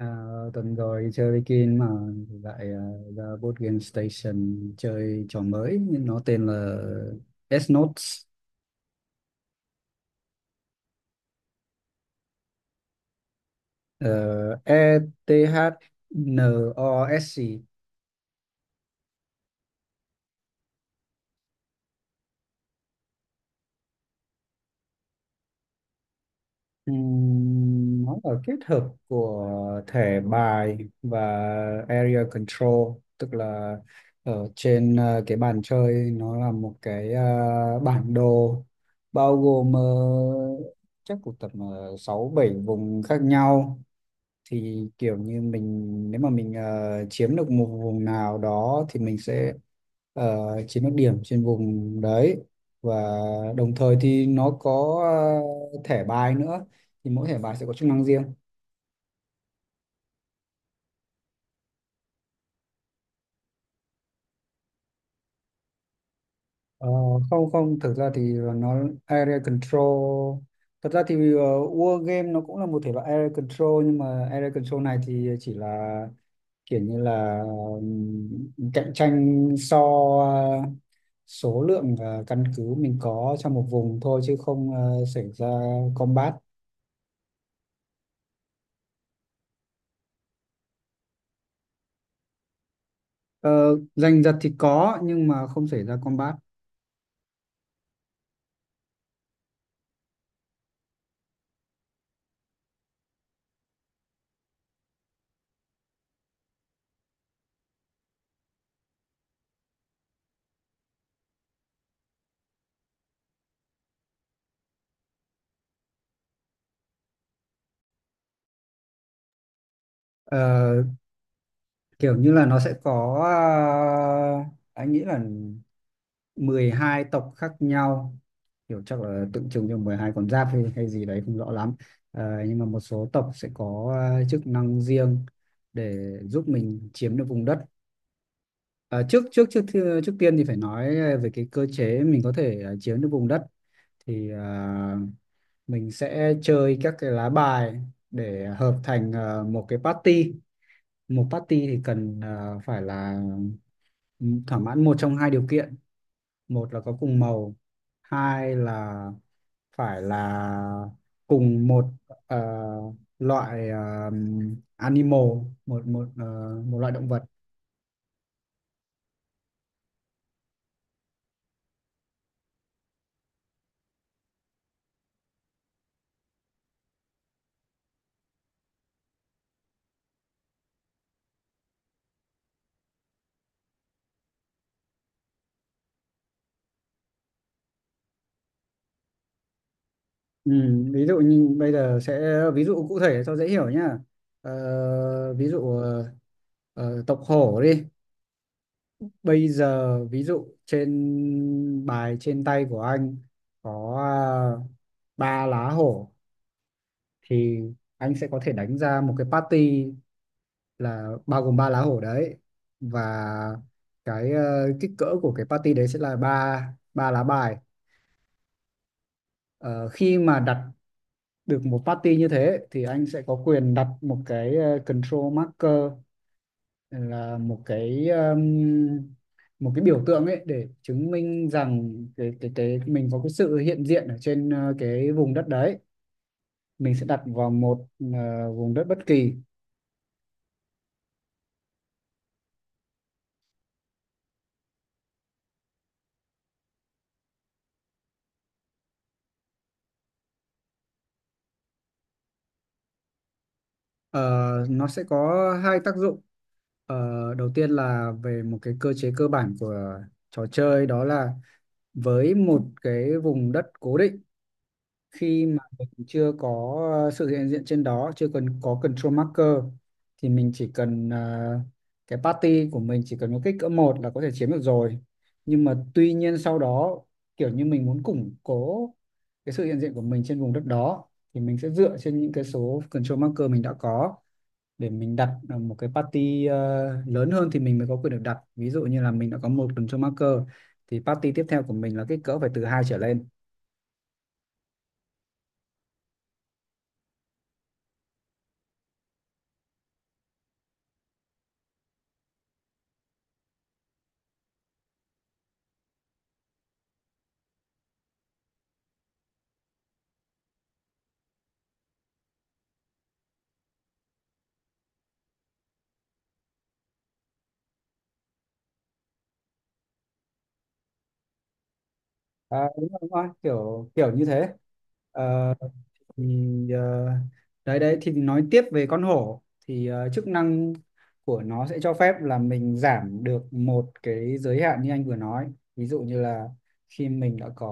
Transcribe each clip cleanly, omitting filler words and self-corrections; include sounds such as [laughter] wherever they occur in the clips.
À, Tuần rồi đi chơi với Kim mà lại ra board game station chơi trò mới, nhưng nó tên là S-Notes. E T H n o s. Nó là kết hợp của thẻ bài và area control, tức là ở trên cái bàn chơi nó là một cái bản đồ bao gồm chắc cũng tầm 6 7 vùng khác nhau. Thì kiểu như mình, nếu mà mình chiếm được một vùng nào đó thì mình sẽ ờ, chiếm được điểm trên vùng đấy, và đồng thời thì nó có thẻ bài nữa, thì mỗi thẻ bài sẽ có chức năng riêng. Ờ, Không không, thực ra thì nó area control, thật ra thì war game nó cũng là một thể loại area control, nhưng mà area control này thì chỉ là kiểu như là, cạnh tranh so ờ, số lượng căn cứ mình có trong một vùng thôi, chứ không xảy ra combat. Ờ, Giành giật thì có, nhưng mà không xảy ra combat. Ờ, Kiểu như là nó sẽ có, anh nghĩ là 12 tộc khác nhau, kiểu chắc là tượng trưng cho 12 con giáp hay, hay gì đấy không rõ lắm. Nhưng mà một số tộc sẽ có chức năng riêng để giúp mình chiếm được vùng đất. À, trước trước trước thi- trước tiên thì phải nói về cái cơ chế mình có thể chiếm được vùng đất, thì mình sẽ chơi các cái lá bài để hợp thành một cái party. Một party thì cần phải là thỏa mãn một trong hai điều kiện: một là có cùng màu, hai là phải là cùng một à, loại animal, một một à, một loại động vật. Ừ, ví dụ như bây giờ sẽ ví dụ cụ thể cho dễ hiểu nhá. Ví dụ tộc hổ đi. Bây giờ ví dụ trên bài trên tay của anh có à, ba lá hổ, thì anh sẽ có thể đánh ra một cái party là bao gồm ba lá hổ đấy, và cái kích cỡ của cái party đấy sẽ là ba, ba lá bài. Ờ, khi mà đặt được một party như thế thì anh sẽ có quyền đặt một cái control marker, là một cái biểu tượng ấy để chứng minh rằng cái mình có cái sự hiện diện ở trên cái vùng đất đấy. Mình sẽ đặt vào một vùng đất bất kỳ. Ờ, nó sẽ có hai tác dụng. Ờ, đầu tiên là về một cái cơ chế cơ bản của trò chơi, đó là với một cái vùng đất cố định, khi mà mình chưa có sự hiện diện trên đó, chưa cần có control marker, thì mình chỉ cần cái party của mình chỉ cần có kích cỡ một là có thể chiếm được rồi. Nhưng mà tuy nhiên sau đó, kiểu như mình muốn củng cố cái sự hiện diện của mình trên vùng đất đó, thì mình sẽ dựa trên những cái số control marker mình đã có để mình đặt một cái party lớn hơn thì mình mới có quyền được đặt. Ví dụ như là mình đã có một control marker thì party tiếp theo của mình là kích cỡ phải từ hai trở lên. À, đúng rồi, đúng rồi, kiểu kiểu như thế. Ờ, thì ờ, đấy đấy thì nói tiếp về con hổ, thì chức năng của nó sẽ cho phép là mình giảm được một cái giới hạn như anh vừa nói. Ví dụ như là khi mình đã có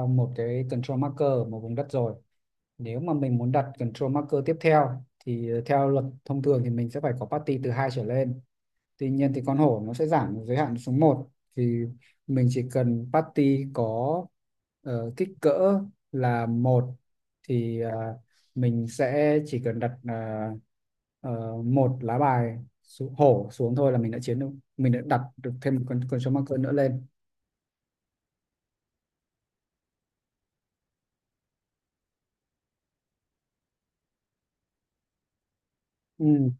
một cái control marker ở một vùng đất rồi, nếu mà mình muốn đặt control marker tiếp theo thì theo luật thông thường thì mình sẽ phải có party từ hai trở lên. Tuy nhiên thì con hổ nó sẽ giảm giới hạn xuống một, thì mình chỉ cần party có kích cỡ là một, thì mình sẽ chỉ cần đặt ờ, một lá bài xuống, hổ xuống thôi, là mình đã chiến được, mình đã đặt được thêm một con số marker nữa lên. Ừ.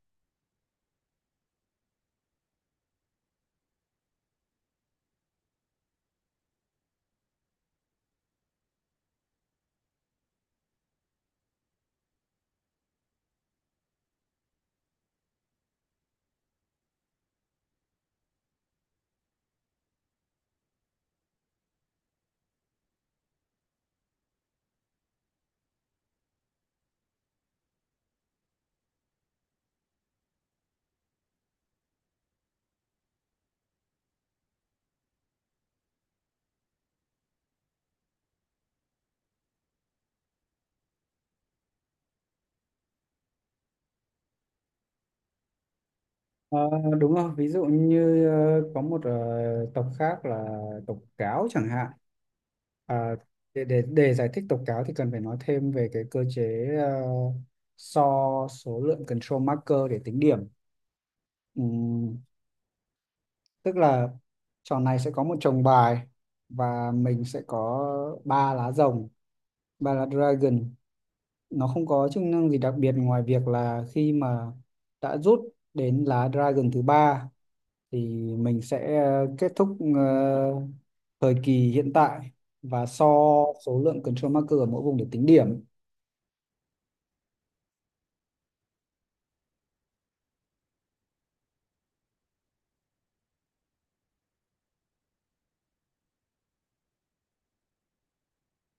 Ờ, đúng rồi, ví dụ như có một tộc khác là tộc cáo chẳng hạn. À, để giải thích tộc cáo thì cần phải nói thêm về cái cơ chế so số lượng control marker để tính điểm. Ừm, tức là trò này sẽ có một chồng bài, và mình sẽ có ba lá rồng, ba lá dragon. Nó không có chức năng gì đặc biệt ngoài việc là khi mà đã rút đến lá dragon thứ ba, thì mình sẽ kết thúc thời kỳ hiện tại và so số lượng control marker ở mỗi vùng để tính điểm.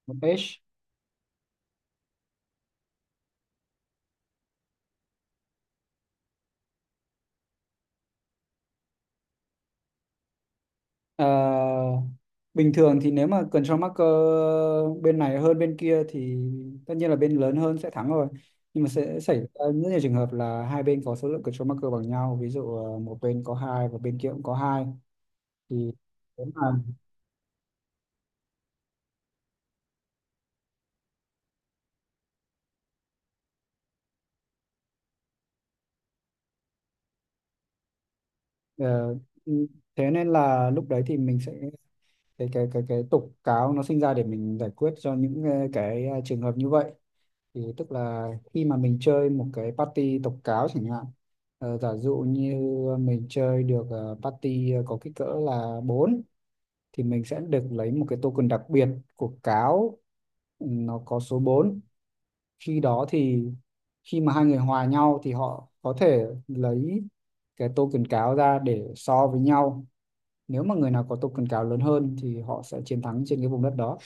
Một page. Ờ, bình thường thì nếu mà control marker bên này hơn bên kia thì tất nhiên là bên lớn hơn sẽ thắng rồi. Nhưng mà sẽ xảy ra rất nhiều trường hợp là hai bên có số lượng control marker bằng nhau, ví dụ một bên có hai và bên kia cũng có hai. Thì nếu mà ờ, Ừ, thế nên là lúc đấy thì mình sẽ, cái tục cáo nó sinh ra để mình giải quyết cho những cái trường hợp như vậy. Thì tức là khi mà mình chơi một cái party tục cáo chẳng hạn, giả dụ như mình chơi được party có kích cỡ là bốn, thì mình sẽ được lấy một cái token đặc biệt của cáo, ừ, nó có số bốn. Khi đó thì khi mà hai người hòa nhau thì họ có thể lấy cái token cáo ra để so với nhau, nếu mà người nào có token cáo lớn hơn thì họ sẽ chiến thắng trên cái vùng đất đó.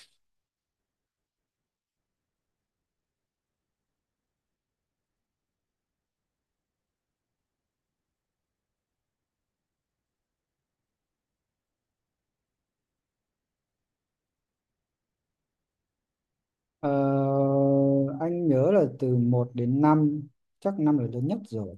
Ờ, anh nhớ là từ một đến năm, chắc 5 là lớn nhất rồi.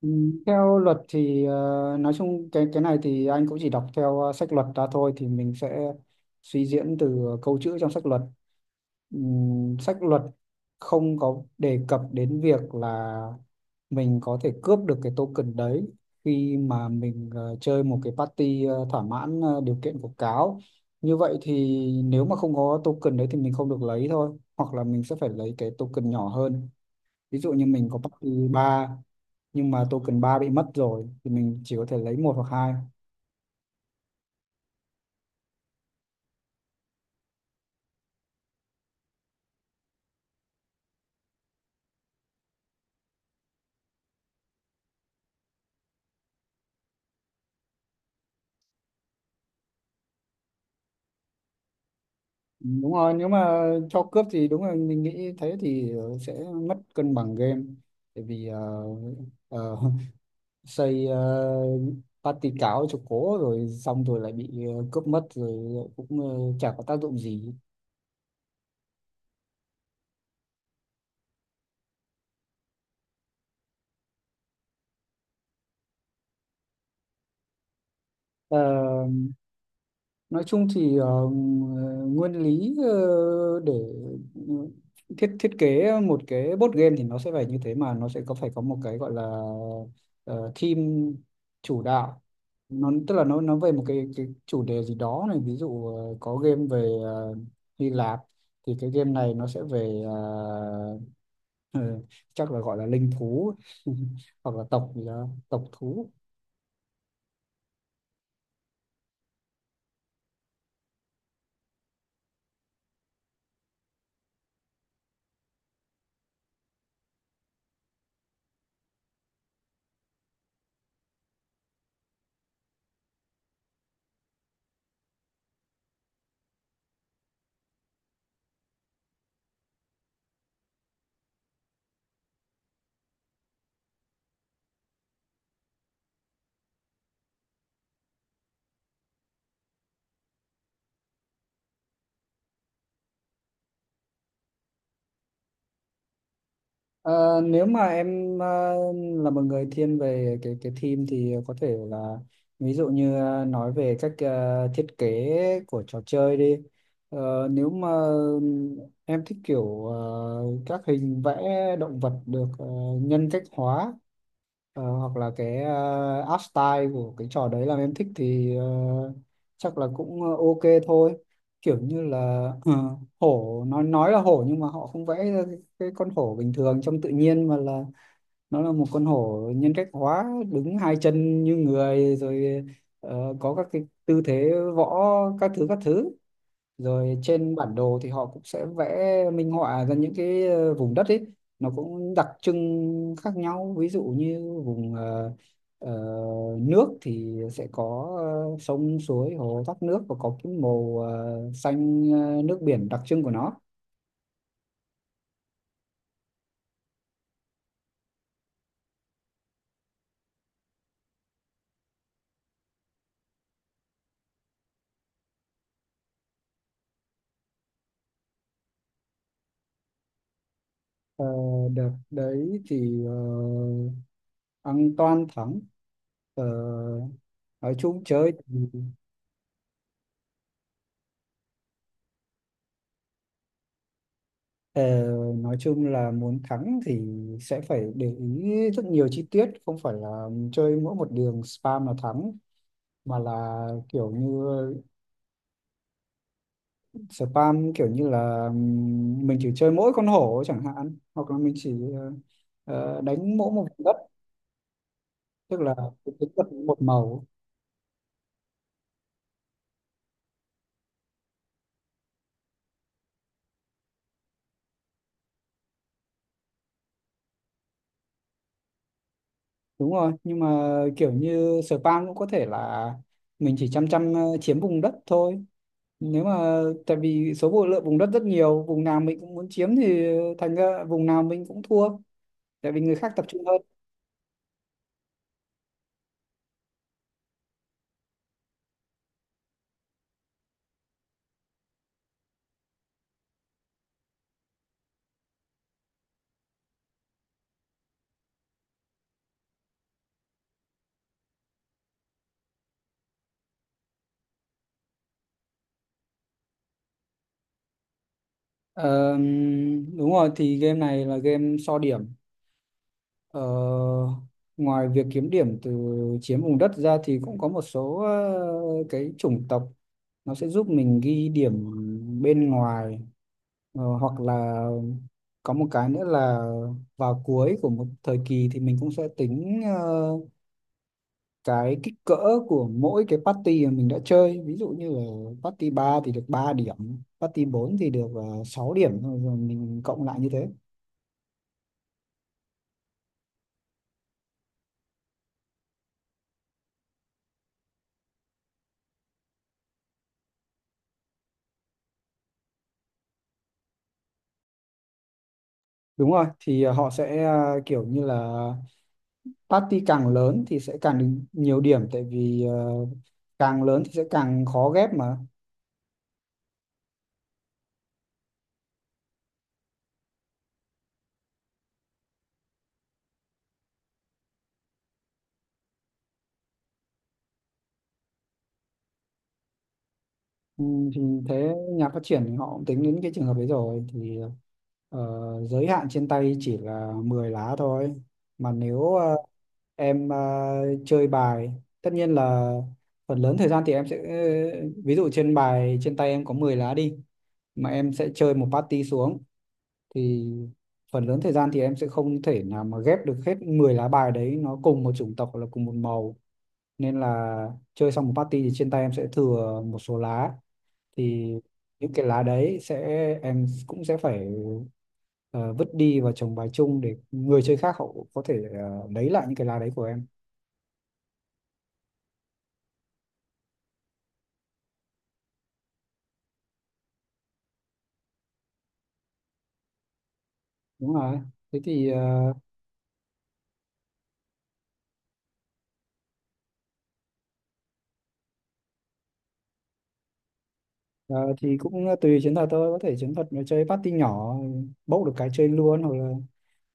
Ừ, theo luật thì nói chung cái này thì anh cũng chỉ đọc theo sách luật ra thôi, thì mình sẽ suy diễn từ câu chữ trong sách luật. Ừm, sách luật không có đề cập đến việc là mình có thể cướp được cái token đấy khi mà mình chơi một cái party thỏa mãn điều kiện của cáo. Như vậy thì nếu mà không có token đấy thì mình không được lấy thôi, hoặc là mình sẽ phải lấy cái token nhỏ hơn. Ví dụ như mình có party 3 nhưng mà token 3 bị mất rồi thì mình chỉ có thể lấy một hoặc hai. Đúng rồi, nếu mà cho cướp thì đúng là mình nghĩ thế thì sẽ mất cân bằng game, tại vì ờ, [laughs] xây party cáo cho cố rồi xong rồi lại bị cướp mất rồi, cũng chả có tác dụng gì. Ờ, nói chung thì nguyên lý để ừ, thiết thiết kế một cái board game thì nó sẽ phải như thế, mà nó sẽ có phải có một cái gọi là ờ, theme chủ đạo. Nó tức là nó về một cái chủ đề gì đó này. Ví dụ có game về Hy Lạp, thì cái game này nó sẽ về ờ, chắc là gọi là linh thú [laughs] hoặc là tộc gì đó, tộc thú. Ờ, nếu mà em là một người thiên về cái team thì có thể là, ví dụ như nói về cách thiết kế của trò chơi đi. Ờ, nếu mà em thích kiểu các hình vẽ động vật được nhân cách hóa, hoặc là cái art style của cái trò đấy làm em thích, thì chắc là cũng ok thôi. Kiểu như là ờ, hổ nói là hổ nhưng mà họ không vẽ ra cái con hổ bình thường trong tự nhiên, mà là nó là một con hổ nhân cách hóa đứng hai chân như người rồi, có các cái tư thế võ, các thứ. Rồi trên bản đồ thì họ cũng sẽ vẽ minh họa ra những cái vùng đất ấy, nó cũng đặc trưng khác nhau, ví dụ như vùng ờ, nước thì sẽ có sông suối hồ thác nước, và có cái màu xanh nước biển đặc trưng của nó. Ờ, đợt đấy thì ăn toan thắng. Ờ, nói chung chơi, ờ, nói chung là muốn thắng thì sẽ phải để ý rất nhiều chi tiết, không phải là chơi mỗi một đường spam là thắng, mà là kiểu như, spam kiểu như là mình chỉ chơi mỗi con hổ chẳng hạn, hoặc là mình chỉ đánh mỗi một vùng đất, tức là tính vật một màu. Đúng rồi, nhưng mà kiểu như spam cũng có thể là mình chỉ chăm chăm chiếm vùng đất thôi, nếu mà tại vì số vụ lượng vùng đất rất nhiều, vùng nào mình cũng muốn chiếm thì thành ra vùng nào mình cũng thua, tại vì người khác tập trung hơn. Ờ, đúng rồi, thì game này là game so điểm. Ờ, ngoài việc kiếm điểm từ chiếm vùng đất ra thì cũng có một số cái chủng tộc nó sẽ giúp mình ghi điểm bên ngoài. Ờ, hoặc là có một cái nữa là vào cuối của một thời kỳ thì mình cũng sẽ tính cái kích cỡ của mỗi cái party mà mình đã chơi. Ví dụ như là party 3 thì được 3 điểm, party 4 thì được 6 điểm, rồi rồi mình cộng lại như thế. Đúng rồi, thì họ sẽ kiểu như là party càng lớn thì sẽ càng được nhiều điểm, tại vì càng lớn thì sẽ càng khó ghép mà. Ừ, thì thế nhà phát triển thì họ cũng tính đến cái trường hợp đấy rồi, thì ờ, giới hạn trên tay chỉ là 10 lá thôi. Mà nếu em chơi bài, tất nhiên là phần lớn thời gian thì em sẽ ví dụ trên bài trên tay em có 10 lá đi, mà em sẽ chơi một party xuống, thì phần lớn thời gian thì em sẽ không thể nào mà ghép được hết 10 lá bài đấy nó cùng một chủng tộc hoặc là cùng một màu, nên là chơi xong một party thì trên tay em sẽ thừa một số lá. Thì những cái lá đấy sẽ, em cũng sẽ phải ờ, vứt đi và trồng bài chung để người chơi khác họ có thể lấy lại những cái lá đấy của em. Đúng rồi, thế thì ờ, ờ, thì cũng tùy chiến thuật thôi, có thể chiến thuật là chơi party nhỏ, bốc được cái chơi luôn, hoặc là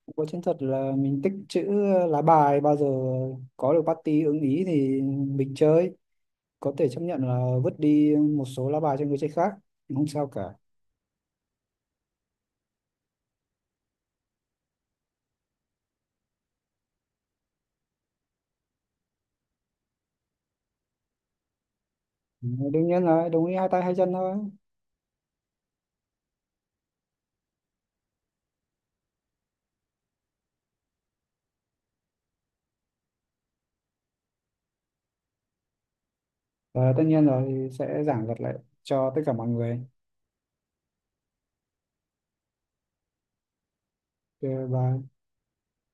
cũng có chiến thuật là mình tích trữ lá bài, bao giờ có được party ưng ý thì mình chơi, có thể chấp nhận là vứt đi một số lá bài cho người chơi khác, không sao cả. Ừ, đương nhiên là đồng ý hai tay hai chân thôi. Và tất nhiên rồi, thì sẽ giảng thuật lại cho tất cả mọi người. Ờ, và